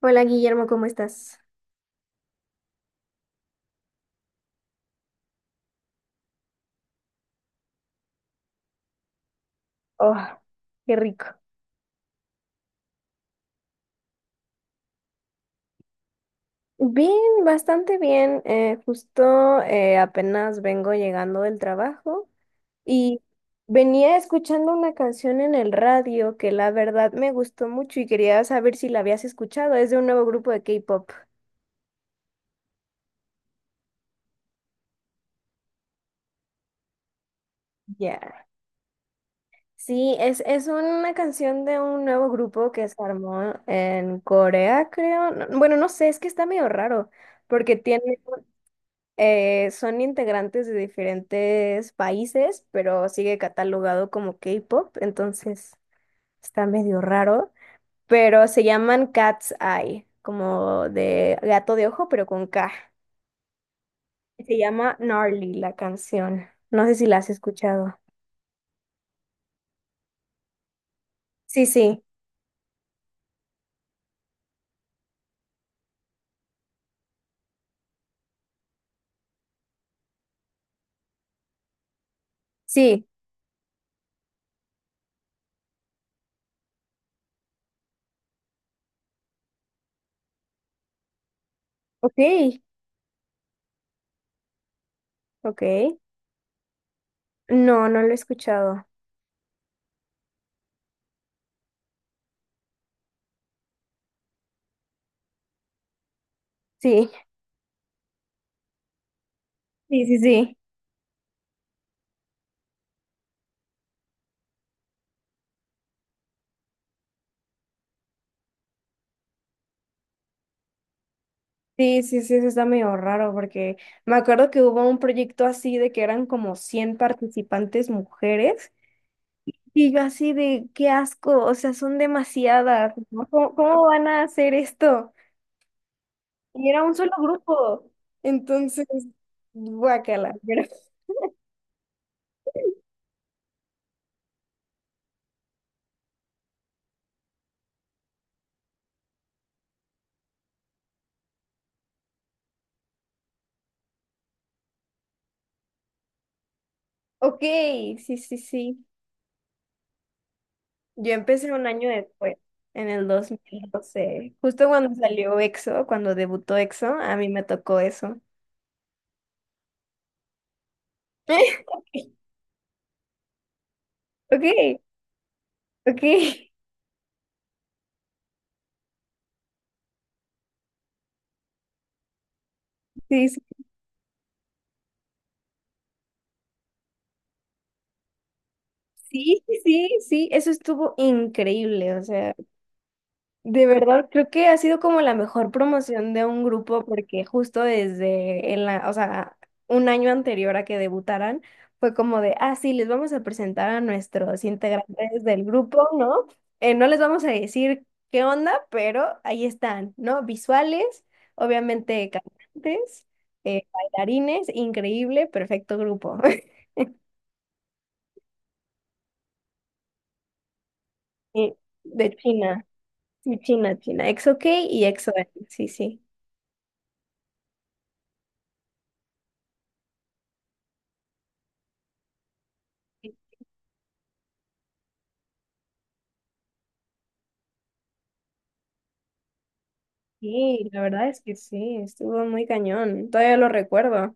Hola Guillermo, ¿cómo estás? Oh, qué rico. Bien, bastante bien. Justo apenas vengo llegando del trabajo y venía escuchando una canción en el radio que la verdad me gustó mucho y quería saber si la habías escuchado. Es de un nuevo grupo de K-pop. Ya. Sí, es una canción de un nuevo grupo que se armó en Corea, creo. Bueno, no sé, es que está medio raro porque tiene. Son integrantes de diferentes países, pero sigue catalogado como K-pop, entonces está medio raro. Pero se llaman Cat's Eye, como de gato de ojo, pero con K. Se llama Gnarly la canción. No sé si la has escuchado. Sí, sí, sí. Ok, ok. No, no lo he escuchado. Sí, sí, sí, sí. Sí, sí, sí, eso está medio raro porque me acuerdo que hubo un proyecto así de que eran como 100 participantes mujeres y yo así de qué asco, o sea, son demasiadas, ¿no? Cómo van a hacer esto? Y era un solo grupo, entonces, guácala. Ok, sí, sí, sí. Yo empecé un año después, en el 2012 justo cuando salió EXO, cuando debutó EXO, a mí me tocó eso. Ok, ok, sí. Sí, sí, sí, eso estuvo increíble, o sea, de verdad creo que ha sido como la mejor promoción de un grupo porque justo desde en la o sea, un año anterior a que debutaran fue como de, ah, sí, les vamos a presentar a nuestros integrantes del grupo, ¿no? No les vamos a decir qué onda, pero ahí están, ¿no? Visuales, obviamente cantantes, bailarines, increíble, perfecto grupo. Y de China. Sí, China, China. EXO-K y EXO-N. Sí, sí. Sí, la verdad es que sí, estuvo muy cañón. Todavía lo recuerdo.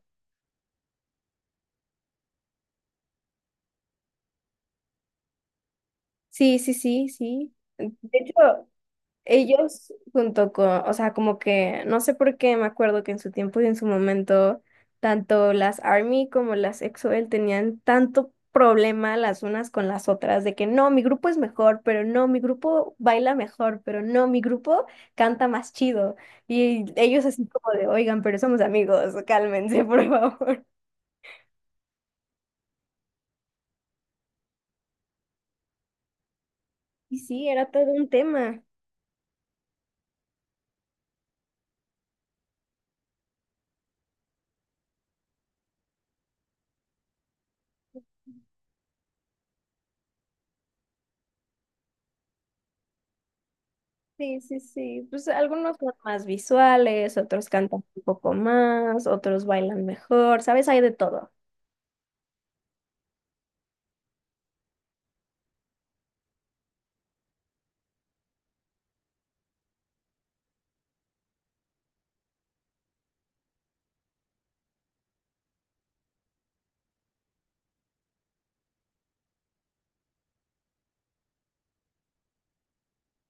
Sí, sí, sí, sí. De hecho, ellos junto con, o sea, como que, no sé por qué me acuerdo que en su tiempo y en su momento, tanto las ARMY como las EXO-L tenían tanto problema las unas con las otras, de que no, mi grupo es mejor, pero no, mi grupo baila mejor, pero no, mi grupo canta más chido. Y ellos así como de, oigan, pero somos amigos, cálmense, por favor. Y sí, era todo un tema. Sí, sí, sí. Pues algunos son más visuales, otros cantan un poco más, otros bailan mejor, ¿sabes? Hay de todo.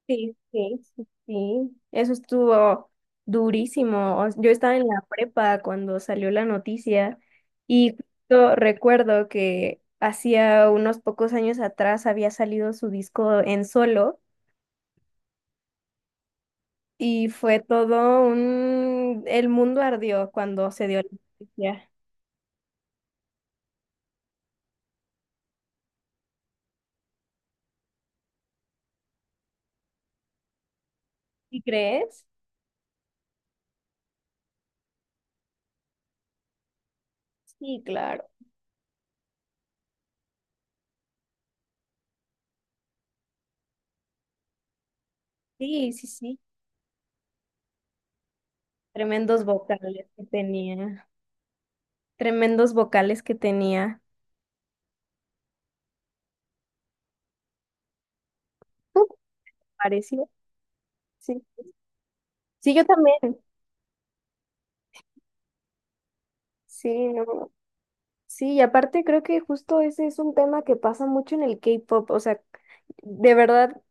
Sí, sí, sí, sí. Eso estuvo durísimo. Yo estaba en la prepa cuando salió la noticia y justo recuerdo que hacía unos pocos años atrás había salido su disco en solo y fue todo un... El mundo ardió cuando se dio la noticia. ¿Y crees? Sí, claro. Sí, sí, sí. Tremendos vocales que tenía. Tremendos vocales que tenía. ¿No pareció? Sí. Sí, yo también. Sí, no. Sí, y aparte creo que justo ese es un tema que pasa mucho en el K-pop. O sea, de verdad,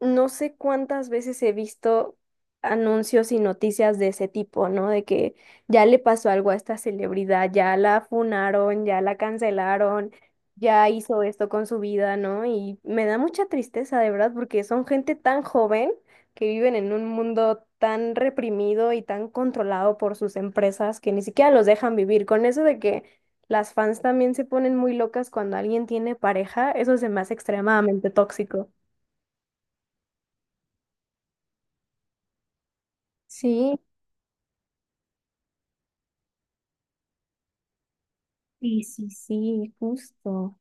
no sé cuántas veces he visto anuncios y noticias de ese tipo, ¿no? De que ya le pasó algo a esta celebridad, ya la funaron, ya la cancelaron, ya hizo esto con su vida, ¿no? Y me da mucha tristeza, de verdad, porque son gente tan joven que viven en un mundo tan reprimido y tan controlado por sus empresas que ni siquiera los dejan vivir. Con eso de que las fans también se ponen muy locas cuando alguien tiene pareja, eso se me hace extremadamente tóxico. Sí, sí, sí, sí, justo.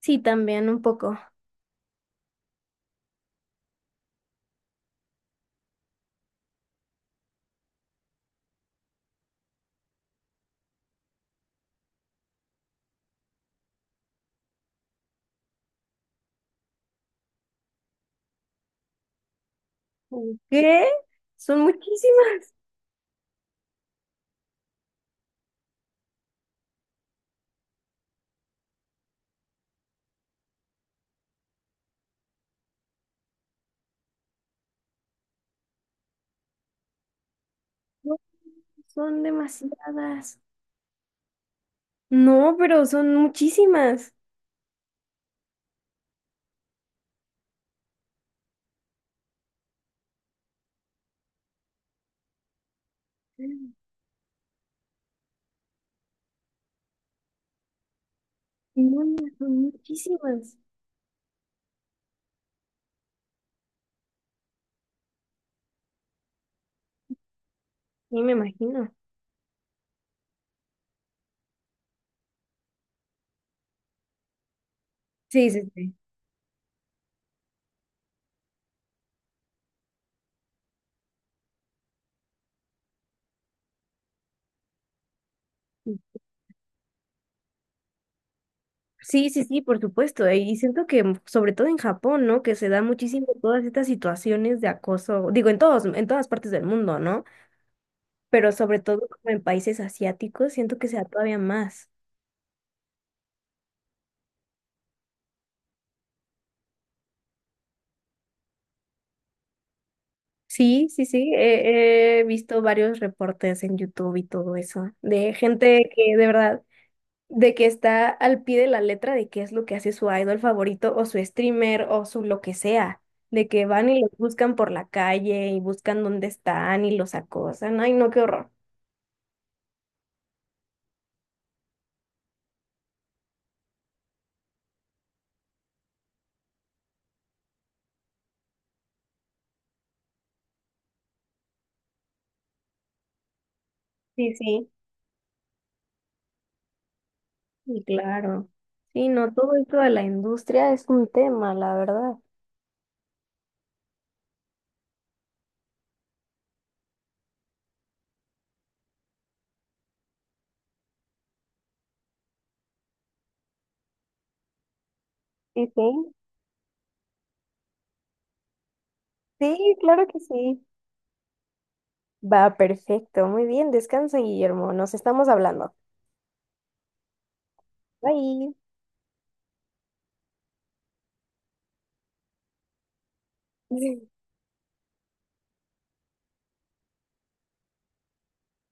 Sí, también un poco. ¿Qué? Son muchísimas. No, son demasiadas. No, pero son muchísimas. No, no, son muchísimas. Sí, me imagino. Sí, sí, sí. Sí, sí, sí, por supuesto. Y siento que sobre todo en Japón, ¿no? Que se da muchísimo todas estas situaciones de acoso, digo, en todas partes del mundo, ¿no? Pero sobre todo como en países asiáticos, siento que se da todavía más. Sí, sí, sí. He visto varios reportes en YouTube y todo eso, de gente que de verdad de que está al pie de la letra de qué es lo que hace su idol favorito o su streamer o su lo que sea, de que van y los buscan por la calle y buscan dónde están y los acosan. Ay, no, qué horror. Sí, sí, y claro. Sí, no, todo esto de la industria es un tema, la verdad. Sí, sí, sí, claro que sí. Va, perfecto, muy bien, descansa, Guillermo, nos estamos hablando. Bye.